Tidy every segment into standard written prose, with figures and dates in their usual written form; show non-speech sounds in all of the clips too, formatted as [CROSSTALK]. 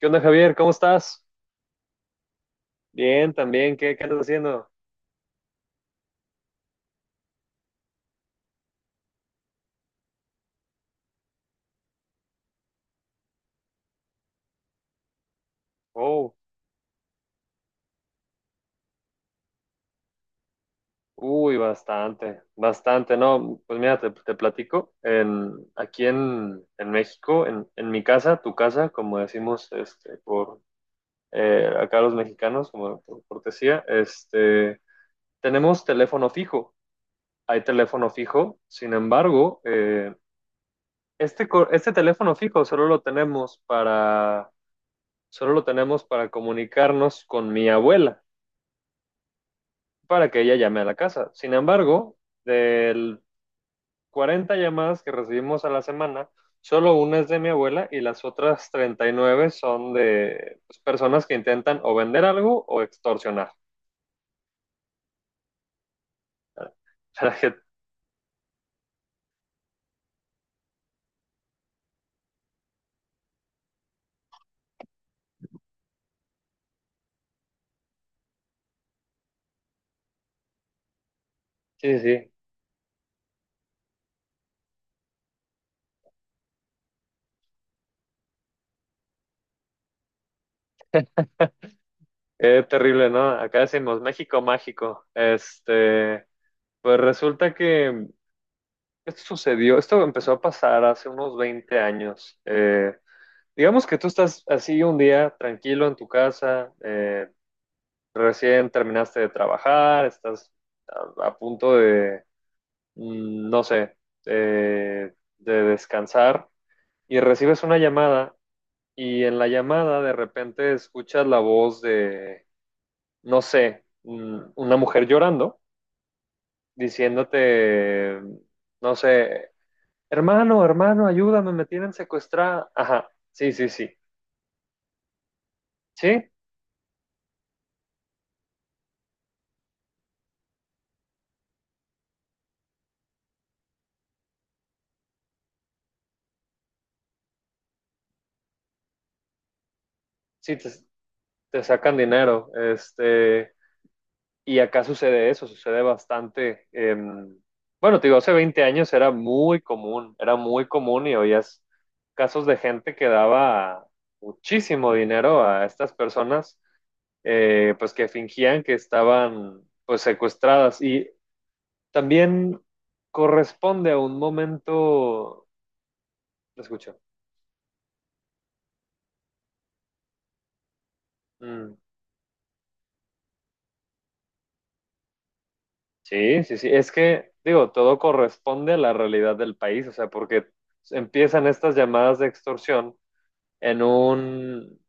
¿Qué onda, Javier? ¿Cómo estás? Bien, también. ¿Qué andas haciendo? Oh, uy, bastante, bastante. No, pues mira, te platico. Aquí en México, en mi casa, tu casa, como decimos este, por acá los mexicanos, como por cortesía, este, tenemos teléfono fijo. Hay teléfono fijo. Sin embargo, este teléfono fijo solo lo tenemos para comunicarnos con mi abuela. Para que ella llame a la casa. Sin embargo, del 40 llamadas que recibimos a la semana, solo una es de mi abuela y las otras 39 son de, pues, personas que intentan o vender algo o extorsionar. [LAUGHS] Para Sí, sí, sí. Qué terrible, ¿no? Acá decimos México mágico. Pues resulta que esto empezó a pasar hace unos 20 años. Digamos que tú estás así un día tranquilo en tu casa, recién terminaste de trabajar, estás a punto de, no sé, de descansar, y recibes una llamada, y en la llamada de repente escuchas la voz de, no sé, una mujer llorando, diciéndote, no sé, hermano, hermano, ayúdame, me tienen secuestrada. Ajá, sí, sí, sí, sí, sí, te sacan dinero. Y acá sucede eso, sucede bastante. Bueno, te digo, hace 20 años era muy común y oías casos de gente que daba muchísimo dinero a estas personas, pues que fingían que estaban, pues, secuestradas. Y también corresponde a un momento. ¿Lo escucho? Mm. Sí, sí, sí, es que, digo, todo corresponde a la realidad del país, o sea, porque empiezan estas llamadas de extorsión en un,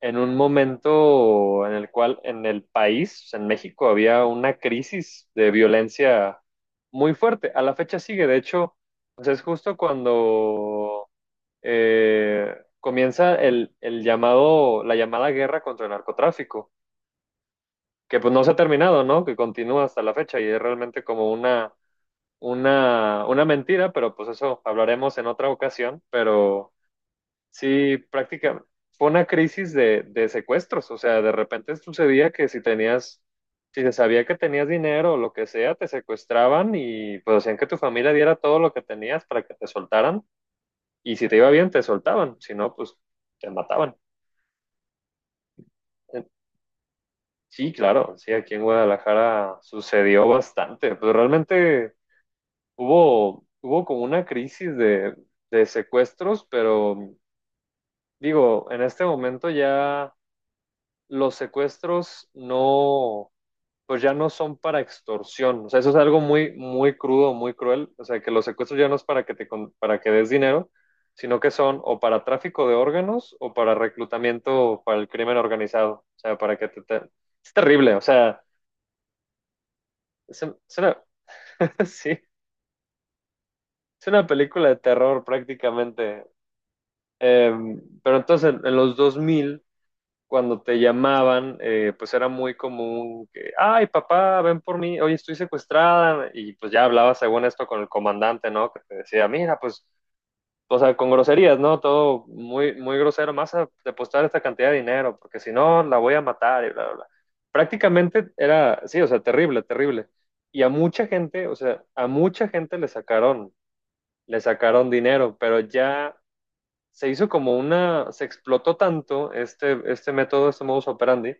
en un momento en el cual en el país, o sea, en México, había una crisis de violencia muy fuerte. A la fecha sigue, de hecho, pues es justo cuando comienza el llamado, la llamada guerra contra el narcotráfico, que pues no se ha terminado, ¿no? Que continúa hasta la fecha y es realmente como una mentira, pero pues eso hablaremos en otra ocasión, pero. Sí, prácticamente. Fue una crisis de secuestros, o sea, de repente sucedía que si se sabía que tenías dinero o lo que sea, te secuestraban y pues hacían que tu familia diera todo lo que tenías para que te soltaran. Y si te iba bien te soltaban, si no, pues te mataban. Sí, claro, sí, aquí en Guadalajara sucedió bastante, pero realmente hubo como una crisis de secuestros, pero digo, en este momento ya los secuestros no, pues ya no son para extorsión. O sea, eso es algo muy, muy crudo, muy cruel. O sea, que los secuestros ya no es para que para que des dinero, sino que son o para tráfico de órganos o para reclutamiento para el crimen organizado. O sea, para que Es terrible. O sea, es, un- es una, [LAUGHS] Sí, es una película de terror prácticamente. Pero entonces, en los 2000 cuando te llamaban, pues era muy común que, ay, papá, ven por mí, oye, estoy secuestrada, y pues ya hablabas según esto con el comandante, ¿no? Que te decía, mira, pues, o sea, con groserías, ¿no? Todo muy, muy grosero, más a depositar esta cantidad de dinero, porque si no, la voy a matar y bla, bla, bla. Prácticamente era, sí, o sea, terrible, terrible. Y a mucha gente, o sea, a mucha gente le sacaron dinero, pero ya se hizo como se explotó tanto este, este modus operandi,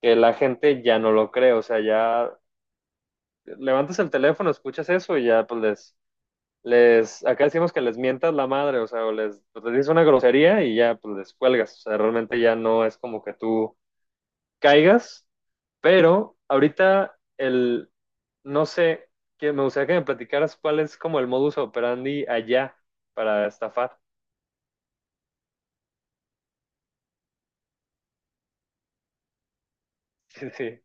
que la gente ya no lo cree, o sea, ya levantas el teléfono, escuchas eso y ya pues acá decimos que les mientas la madre, o sea, o les, pues, les dices una grosería y ya pues les cuelgas, o sea, realmente ya no es como que tú caigas, pero ahorita el, no sé, que me gustaría que me platicaras cuál es como el modus operandi allá para estafar. [LAUGHS] Sí, sí.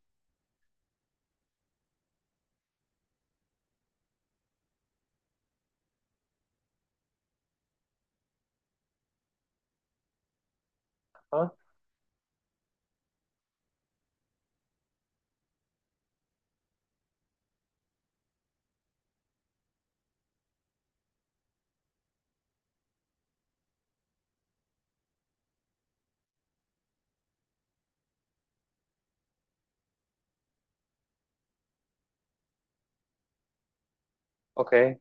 Ah, ok.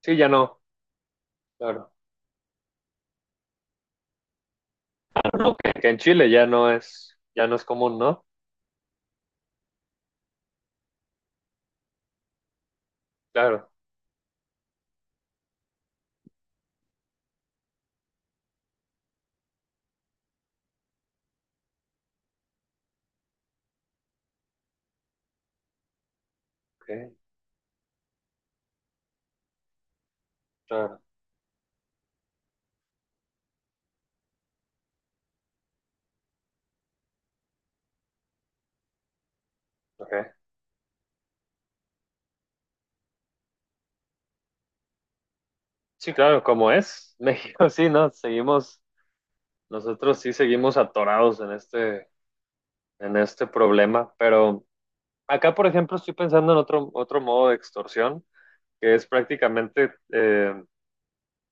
Sí, ya no, claro. Bueno, que en Chile ya no es común, ¿no? Claro. Ok. Claro, ok. Sí, claro, como es México, [LAUGHS] sí, ¿no? Seguimos, nosotros sí seguimos atorados en este, problema, pero acá, por ejemplo, estoy pensando en otro modo de extorsión, que es prácticamente,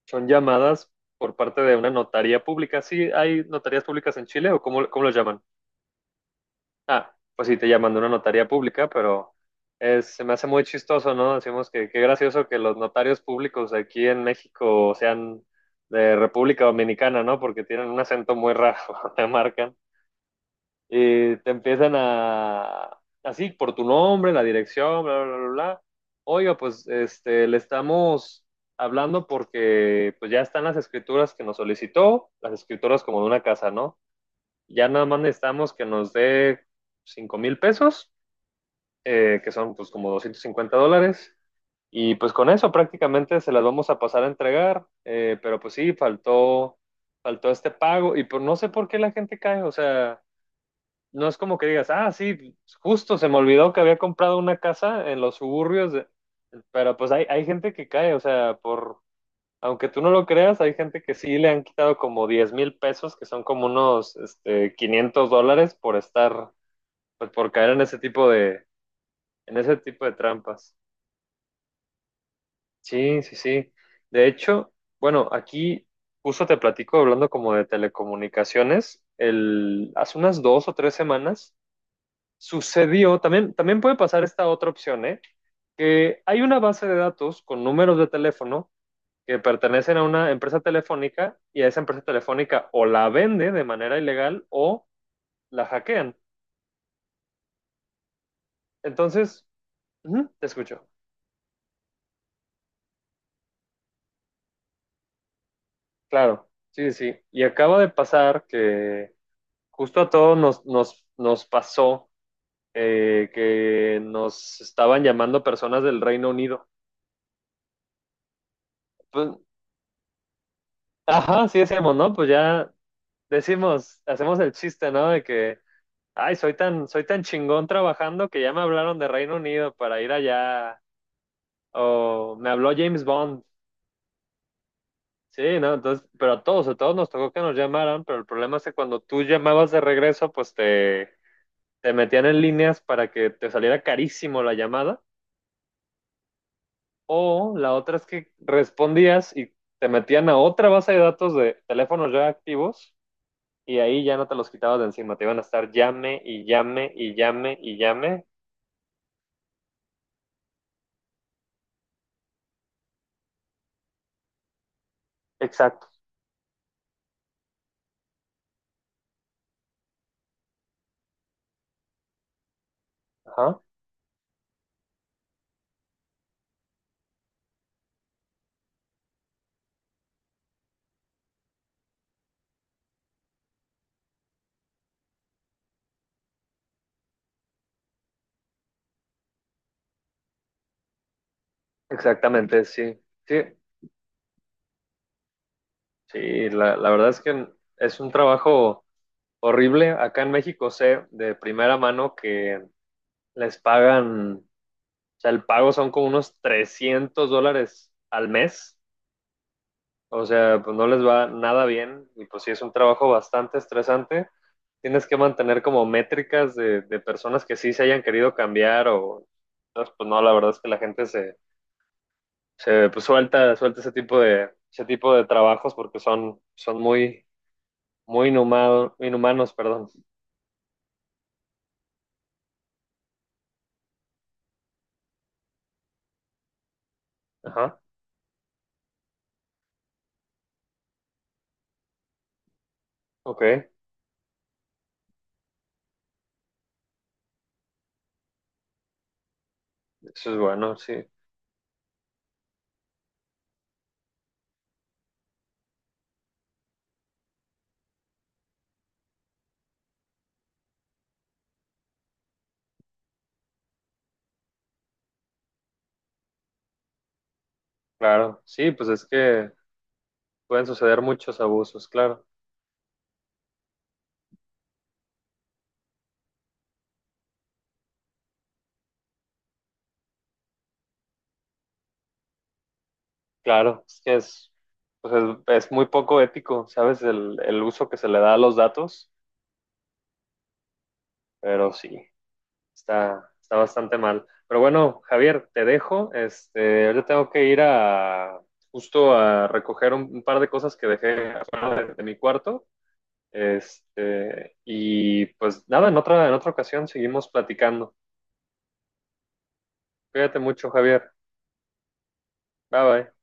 son llamadas por parte de una notaría pública. ¿Sí hay notarías públicas en Chile o cómo lo llaman? Ah, pues sí, te llaman de una notaría pública, pero se me hace muy chistoso, ¿no? Decimos que qué gracioso que los notarios públicos aquí en México sean de República Dominicana, ¿no? Porque tienen un acento muy raro, [LAUGHS] te marcan. Y te empiezan a, así, por tu nombre, la dirección, bla, bla, bla, bla. Oiga, pues le estamos hablando porque pues ya están las escrituras que nos solicitó, las escrituras como de una casa, ¿no? Ya nada más necesitamos que nos dé 5,000 pesos, que son, pues, como $250. Y pues con eso prácticamente se las vamos a pasar a entregar. Pero pues sí, faltó este pago. Y pues no sé por qué la gente cae. O sea, no es como que digas, ah, sí, justo se me olvidó que había comprado una casa en los suburbios. Pero pues hay gente que cae, o sea, por, aunque tú no lo creas, hay gente que sí le han quitado como 10,000 pesos, que son como unos $500 por estar, pues por caer en ese tipo de, trampas. Sí, sí, sí. De hecho, bueno, aquí justo te platico hablando como de telecomunicaciones, hace unas 2 o 3 semanas sucedió, también, también puede pasar esta otra opción, ¿eh? Que hay una base de datos con números de teléfono que pertenecen a una empresa telefónica, y a esa empresa telefónica o la vende de manera ilegal o la hackean. Entonces, ujú, te escucho. Claro, sí, sí. Sí. Y acaba de pasar que justo a todos nos pasó que nos estaban llamando personas del Reino Unido. Pues, ajá, sí decíamos, ¿no? Pues ya decimos, hacemos el chiste, ¿no? De que, ay, soy tan chingón trabajando que ya me hablaron de Reino Unido para ir allá, o me habló James Bond. Sí, ¿no? Entonces, pero a todos nos tocó que nos llamaran, pero el problema es que cuando tú llamabas de regreso, pues te metían en líneas para que te saliera carísimo la llamada, o la otra es que respondías y te metían a otra base de datos de teléfonos ya activos, y ahí ya no te los quitabas de encima, te iban a estar llame y llame y llame y llame. Exacto, ajá, exactamente, sí, sí, sí, la verdad es que es un trabajo horrible. Acá en México sé de primera mano que les pagan, o sea, el pago son como unos $300 al mes. O sea, pues no les va nada bien y pues sí es un trabajo bastante estresante. Tienes que mantener como métricas de personas que sí se hayan querido cambiar. O entonces, pues no, la verdad es que la gente se pues, suelta ese tipo de trabajos porque son muy, muy inhumanos, perdón. Ajá, ok, eso es bueno, sí. Claro, sí, pues es que pueden suceder muchos abusos, claro, claro, es que es, pues es muy poco ético, ¿sabes? El uso que se le da a los datos, pero sí, está bastante mal. Pero bueno, Javier, te dejo, ahorita tengo que ir a, justo a recoger un par de cosas que dejé afuera de mi cuarto, y pues nada, en otra, ocasión seguimos platicando. Cuídate mucho, Javier. Bye bye.